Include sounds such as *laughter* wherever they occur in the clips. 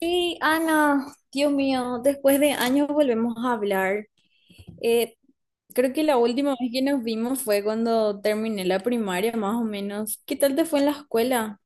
Sí, Ana, Dios mío, después de años volvemos a hablar. Eh, Creo que la última vez que nos vimos fue cuando terminé la primaria, más o menos. ¿Qué tal te fue en la escuela?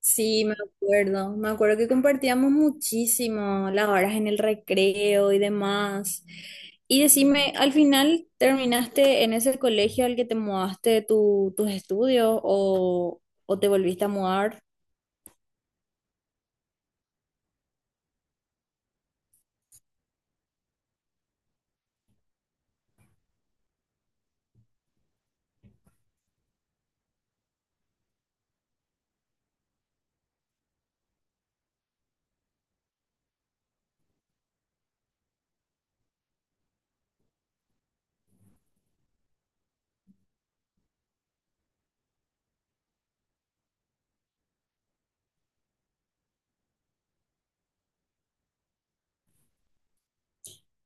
Sí, me acuerdo. Me acuerdo que compartíamos muchísimo las horas en el recreo y demás. Y decime, ¿al final terminaste en ese colegio al que te mudaste tus estudios o te volviste a mudar?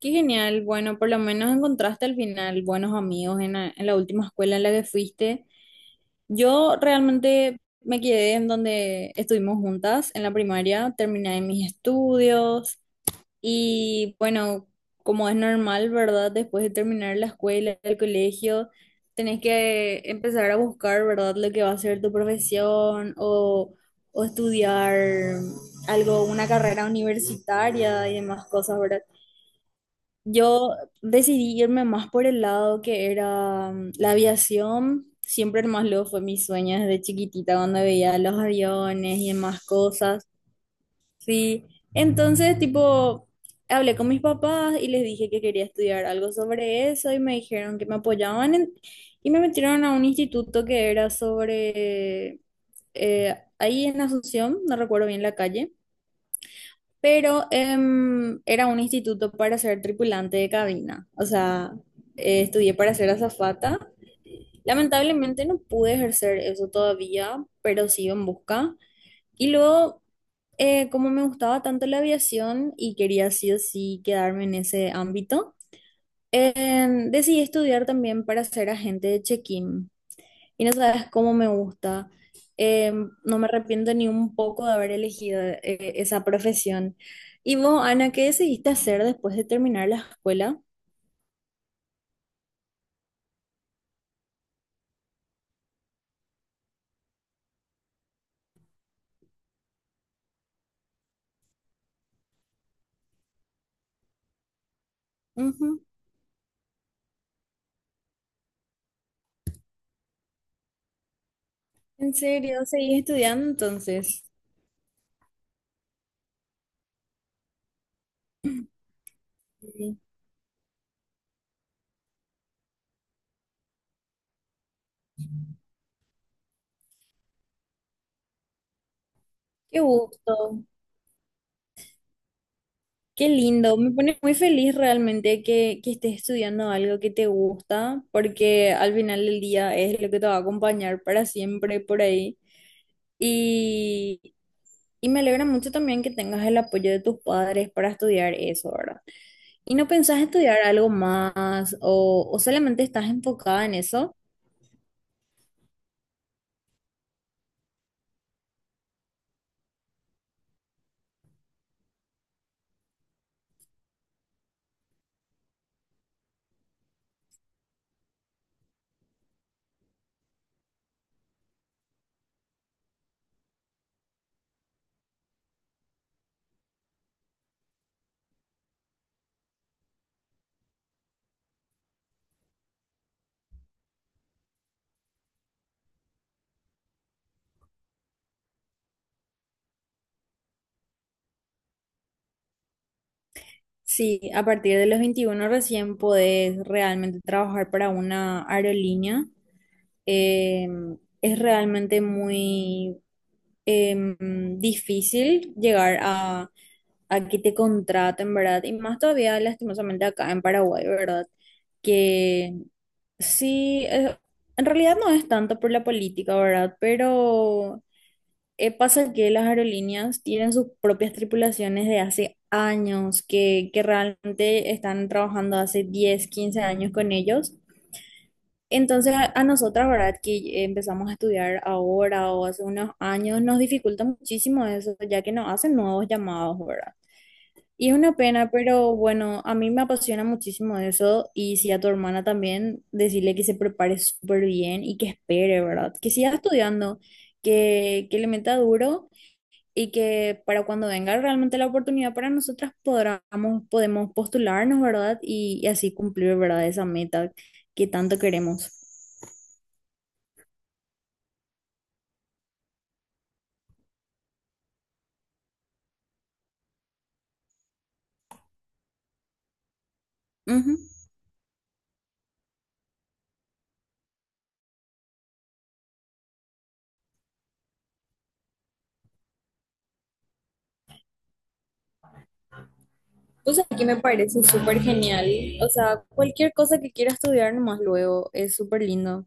Qué genial, bueno, por lo menos encontraste al final buenos amigos en en la última escuela en la que fuiste. Yo realmente me quedé en donde estuvimos juntas en la primaria, terminé mis estudios y bueno, como es normal, ¿verdad? Después de terminar la escuela, el colegio, tenés que empezar a buscar, ¿verdad? Lo que va a ser tu profesión o estudiar algo, una carrera universitaria y demás cosas, ¿verdad? Yo decidí irme más por el lado que era la aviación. Siempre más luego fue mi sueño desde chiquitita cuando veía los aviones y demás cosas. Sí. Entonces, tipo, hablé con mis papás y les dije que quería estudiar algo sobre eso y me dijeron que me y me metieron a un instituto que era sobre ahí en Asunción, no recuerdo bien la calle pero era un instituto para ser tripulante de cabina. O sea, estudié para ser azafata. Lamentablemente no pude ejercer eso todavía, pero sigo en busca. Y luego, como me gustaba tanto la aviación y quería sí o sí quedarme en ese ámbito, decidí estudiar también para ser agente de check-in. Y no sabes cómo me gusta. Eh, no me arrepiento ni un poco de haber elegido esa profesión. ¿Y vos, Ana, qué decidiste hacer después de terminar la escuela? Ujú. ¿En serio? ¿Seguís estudiando entonces? Sí. Qué gusto, qué lindo. Me pone muy feliz realmente que estés estudiando algo que te gusta, porque al final del día es lo que te va a acompañar para siempre por ahí. y Y me alegra mucho también que tengas el apoyo de tus padres para estudiar eso, ¿verdad? ¿Y no pensás estudiar algo más o solamente estás enfocada en eso? Sí, a partir de los 21 recién podés realmente trabajar para una aerolínea. Eh, es realmente muy difícil llegar a que te contraten, ¿verdad? Y más todavía, lastimosamente, acá en Paraguay, ¿verdad? Que Sí, en realidad no es tanto por la política, ¿verdad? Pero pasa que las aerolíneas tienen sus propias tripulaciones de hace años, que realmente están trabajando hace 10, 15 años con ellos. Entonces a nosotras, ¿verdad? Que empezamos a estudiar ahora o hace unos años, nos dificulta muchísimo eso, ya que no hacen nuevos llamados, ¿verdad? Y es una pena, pero bueno, a mí me apasiona muchísimo eso y si a tu hermana también, decirle que se prepare súper bien y que espere, ¿verdad? Que siga estudiando, que le meta duro y que para cuando venga realmente la oportunidad para nosotras podemos postularnos, ¿verdad? Y así cumplir, ¿verdad? Esa meta que tanto queremos. Ujú. O sea, aquí me parece súper genial. O sea, cualquier cosa que quiera estudiar nomás luego es súper lindo.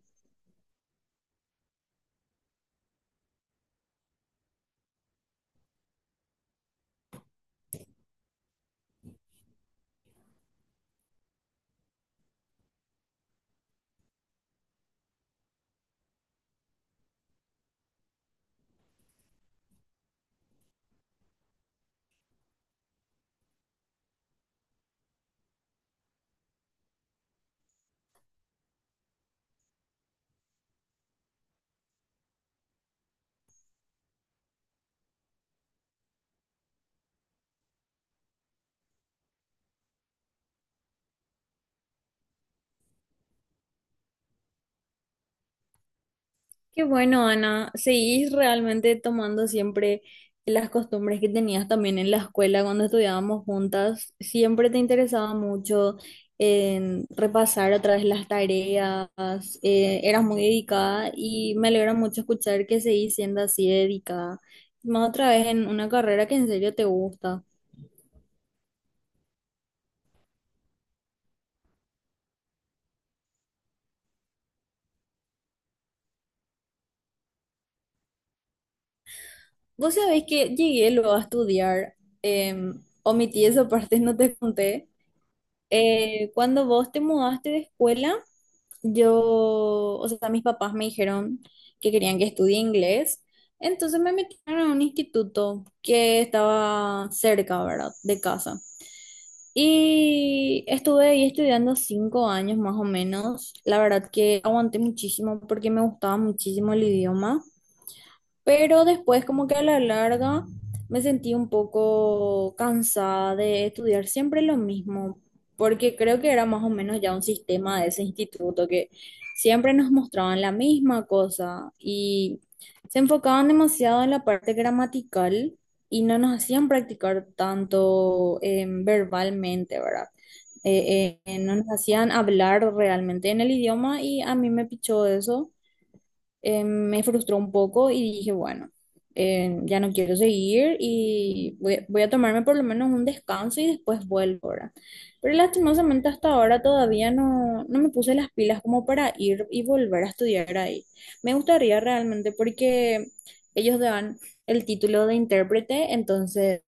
Qué bueno, Ana. Seguís realmente tomando siempre las costumbres que tenías también en la escuela cuando estudiábamos juntas. Siempre te interesaba mucho en repasar otra vez las tareas. Eras muy dedicada y me alegra mucho escuchar que seguís siendo así de dedicada. Más otra vez en una carrera que en serio te gusta. Vos sabés que llegué luego a estudiar. Omití esa parte, *laughs* no te conté. Cuando vos te mudaste de escuela. Yo, o sea, mis papás me dijeron que querían que estudie inglés, entonces me metieron a un instituto que estaba cerca, ¿verdad?, de casa. Y estuve ahí estudiando 5 años más o menos. La verdad que aguanté muchísimo porque me gustaba muchísimo el idioma. Pero después, como que a la larga, me sentí un poco cansada de estudiar siempre lo mismo, porque creo que era más o menos ya un sistema de ese instituto que siempre nos mostraban la misma cosa y se enfocaban demasiado en la parte gramatical y no nos hacían practicar tanto verbalmente, ¿verdad? No nos hacían hablar realmente en el idioma y a mí me pichó eso me frustró un poco y dije, bueno, ya no quiero seguir y voy a tomarme por lo menos un descanso y después vuelvo ahora. Pero lastimosamente hasta ahora todavía no, no me puse las pilas como para ir y volver a estudiar ahí. Me gustaría realmente porque ellos dan el título de intérprete, entonces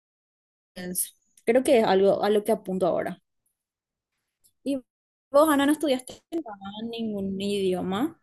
creo que es algo a lo que apunto ahora. ¿Y vos, Ana, no estudiaste ningún idioma?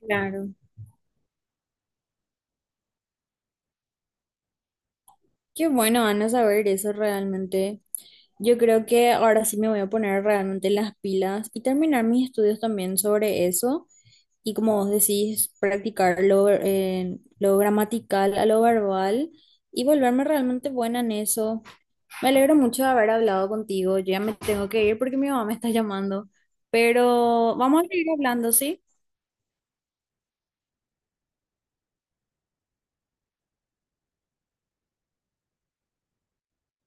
Claro. Qué bueno, Ana, saber eso realmente. Yo creo que ahora sí me voy a poner realmente las pilas y terminar mis estudios también sobre eso. Y como vos decís, practicar lo gramatical a lo verbal y volverme realmente buena en eso. Me alegro mucho de haber hablado contigo. Yo ya me tengo que ir porque mi mamá me está llamando. Pero vamos a seguir hablando, ¿sí?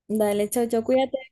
Dale, chao, chao, cuídate.